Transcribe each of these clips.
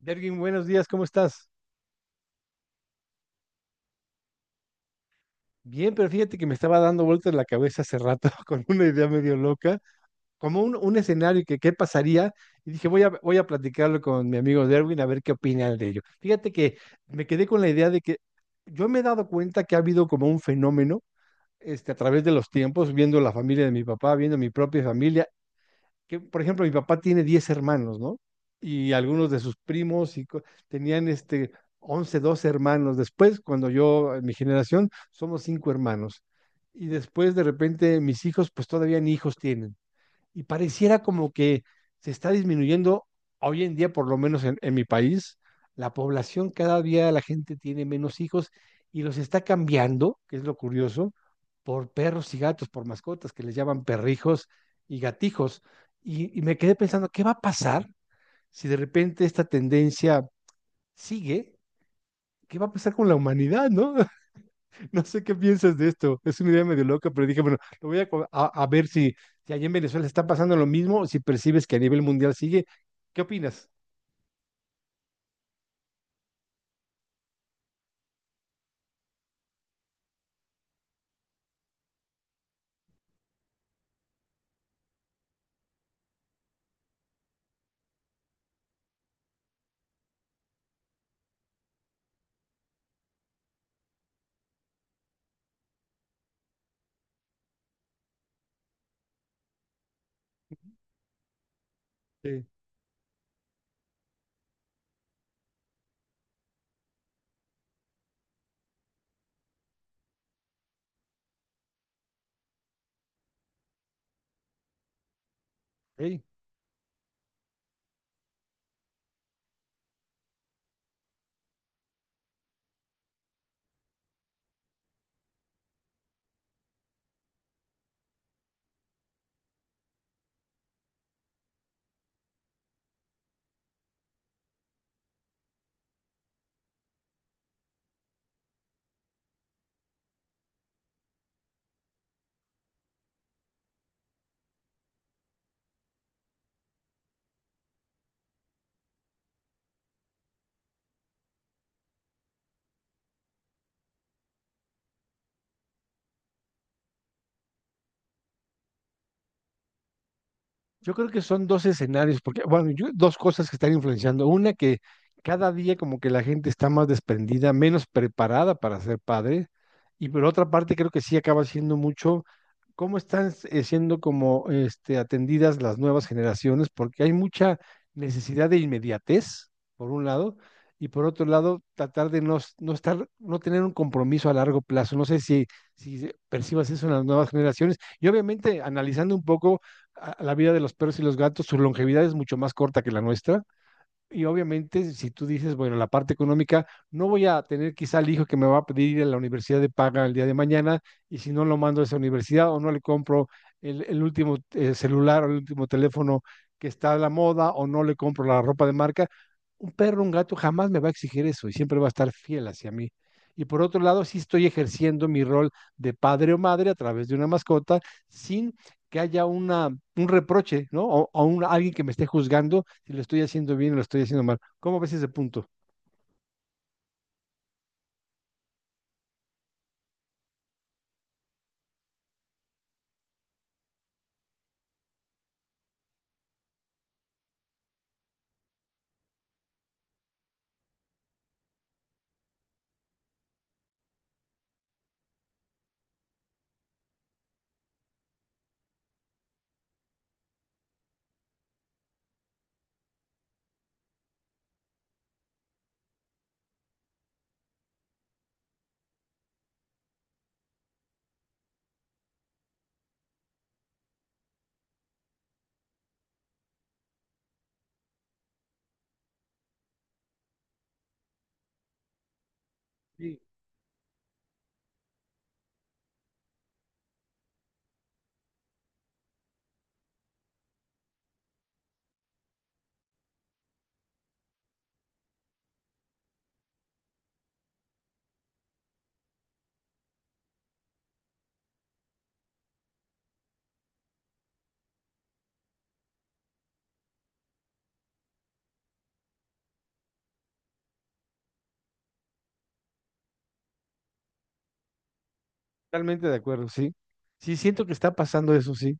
Dergin, buenos días, ¿cómo estás? Bien, pero fíjate que me estaba dando vueltas la cabeza hace rato con una idea medio loca, como un escenario que qué pasaría, y dije, voy a platicarlo con mi amigo Derwin a ver qué opina él de ello. Fíjate que me quedé con la idea de que yo me he dado cuenta que ha habido como un fenómeno a través de los tiempos, viendo la familia de mi papá, viendo mi propia familia, que, por ejemplo, mi papá tiene 10 hermanos, ¿no? Y algunos de sus primos y tenían 11, 12 hermanos. Después, cuando yo, en mi generación, somos cinco hermanos. Y después, de repente, mis hijos, pues todavía ni hijos tienen y pareciera como que se está disminuyendo hoy en día, por lo menos en mi país, la población cada día la gente tiene menos hijos y los está cambiando, que es lo curioso, por perros y gatos, por mascotas que les llaman perrijos y gatijos. Y me quedé pensando, ¿qué va a pasar si de repente esta tendencia sigue? ¿Qué va a pasar con la humanidad, no? No sé qué piensas de esto. Es una idea medio loca, pero dije, bueno, lo voy a, a ver si, si allá en Venezuela está pasando lo mismo o si percibes que a nivel mundial sigue. ¿Qué opinas? Sí. Ok. Yo creo que son dos escenarios, porque, bueno, dos cosas que están influenciando. Una, que cada día como que la gente está más desprendida, menos preparada para ser padre. Y por otra parte, creo que sí acaba siendo mucho cómo están siendo como atendidas las nuevas generaciones, porque hay mucha necesidad de inmediatez, por un lado, y por otro lado, tratar de no estar, no tener un compromiso a largo plazo. No sé si, si percibas eso en las nuevas generaciones. Y obviamente, analizando un poco a la vida de los perros y los gatos, su longevidad es mucho más corta que la nuestra y obviamente, si tú dices, bueno, la parte económica, no voy a tener quizá el hijo que me va a pedir ir a la universidad de paga el día de mañana, y si no lo mando a esa universidad o no le compro el último celular o el último teléfono que está a la moda o no le compro la ropa de marca, un perro, un gato jamás me va a exigir eso y siempre va a estar fiel hacia mí. Y por otro lado, sí estoy ejerciendo mi rol de padre o madre a través de una mascota sin que haya un reproche, ¿no? Alguien que me esté juzgando si lo estoy haciendo bien o lo estoy haciendo mal. ¿Cómo ves ese punto? Sí, totalmente de acuerdo, sí. Sí, siento que está pasando eso, sí.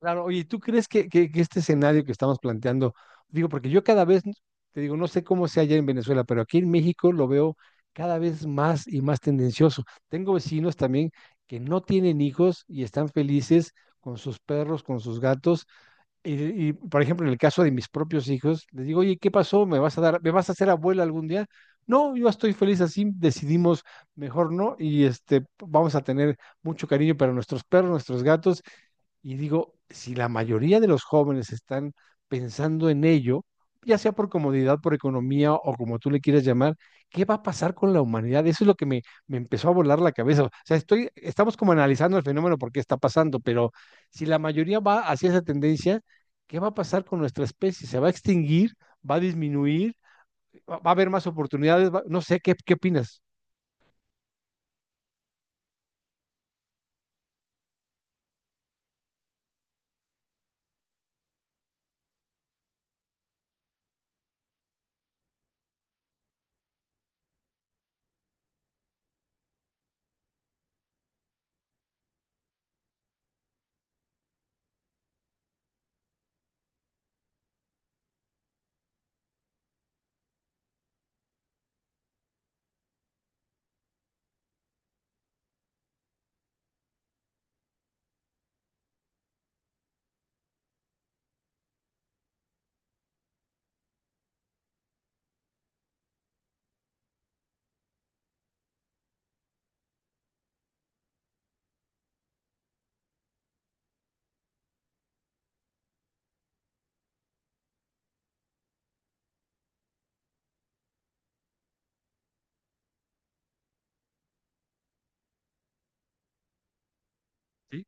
Claro, oye, ¿tú crees que, que este escenario que estamos planteando, digo, porque yo cada vez, te digo, no sé cómo sea allá en Venezuela, pero aquí en México lo veo cada vez más y más tendencioso. Tengo vecinos también que no tienen hijos y están felices con sus perros, con sus gatos, Y, y por ejemplo, en el caso de mis propios hijos, les digo, oye, ¿qué pasó? ¿Me vas a dar, me vas a hacer abuela algún día? No, yo estoy feliz así, decidimos mejor no, y vamos a tener mucho cariño para nuestros perros, nuestros gatos, y digo, si la mayoría de los jóvenes están pensando en ello, ya sea por comodidad, por economía o como tú le quieras llamar, ¿qué va a pasar con la humanidad? Eso es lo que me empezó a volar la cabeza. O sea, estoy, estamos como analizando el fenómeno por qué está pasando, pero si la mayoría va hacia esa tendencia, ¿qué va a pasar con nuestra especie? ¿Se va a extinguir? ¿Va a disminuir? Va a haber más oportunidades? No sé, ¿qué, qué opinas? ¿Sí?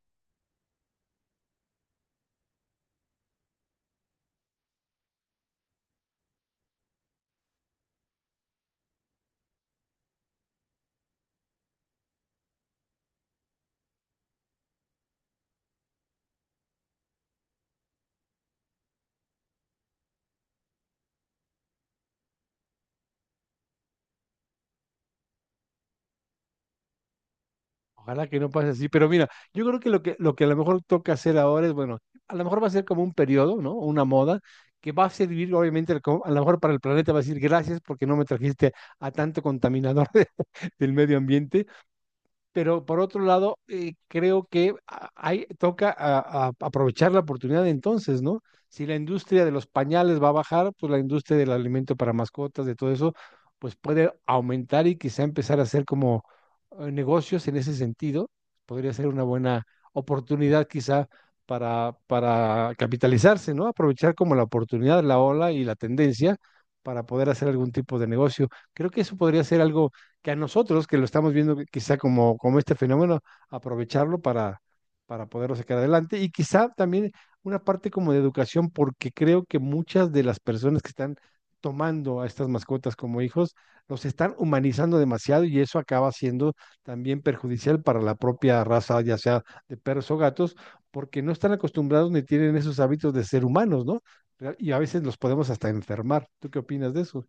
Ojalá que no pase así, pero mira, yo creo que lo que, lo que a lo mejor toca hacer ahora es, bueno, a lo mejor va a ser como un periodo, ¿no? Una moda que va a servir, obviamente, al a lo mejor para el planeta va a decir gracias porque no me trajiste a tanto contaminador del medio ambiente, pero por otro lado, creo que toca aprovechar la oportunidad entonces, ¿no? Si la industria de los pañales va a bajar, pues la industria del alimento para mascotas, de todo eso, pues puede aumentar y quizá empezar a hacer como negocios en ese sentido. Podría ser una buena oportunidad quizá para capitalizarse, ¿no? Aprovechar como la oportunidad, la ola y la tendencia para poder hacer algún tipo de negocio. Creo que eso podría ser algo que a nosotros que lo estamos viendo quizá como, como este fenómeno, aprovecharlo para poderlo sacar adelante y quizá también una parte como de educación, porque creo que muchas de las personas que están tomando a estas mascotas como hijos, los están humanizando demasiado y eso acaba siendo también perjudicial para la propia raza, ya sea de perros o gatos, porque no están acostumbrados ni tienen esos hábitos de ser humanos, ¿no? Y a veces los podemos hasta enfermar. ¿Tú qué opinas de eso?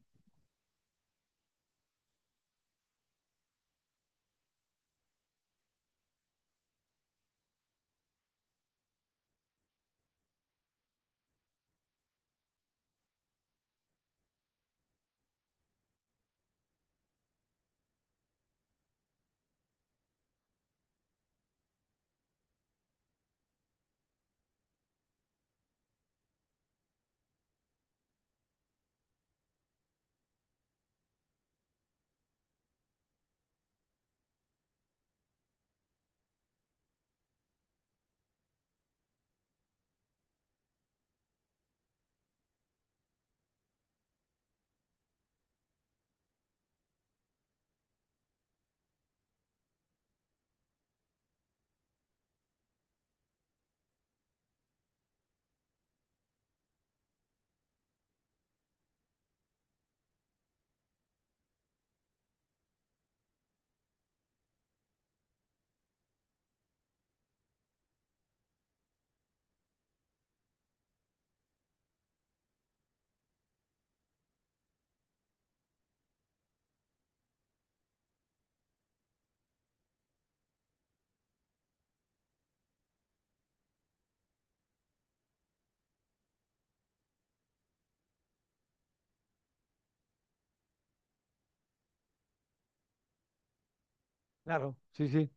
Claro. Sí, sí.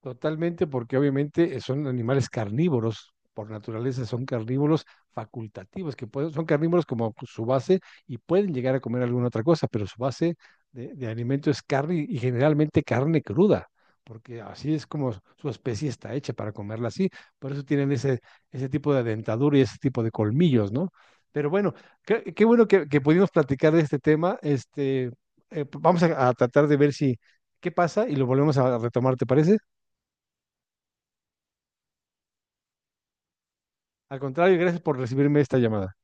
Totalmente, porque obviamente son animales carnívoros, por naturaleza son carnívoros facultativos, que pueden, son carnívoros como su base y pueden llegar a comer alguna otra cosa, pero su base de alimento es carne y generalmente carne cruda, porque así es como su especie está hecha para comerla así, por eso tienen ese, ese tipo de dentadura y ese tipo de colmillos, ¿no? Pero bueno, qué, qué bueno que pudimos platicar de este tema, vamos a tratar de ver si, qué pasa y lo volvemos a retomar, ¿te parece? Al contrario, gracias por recibirme esta llamada.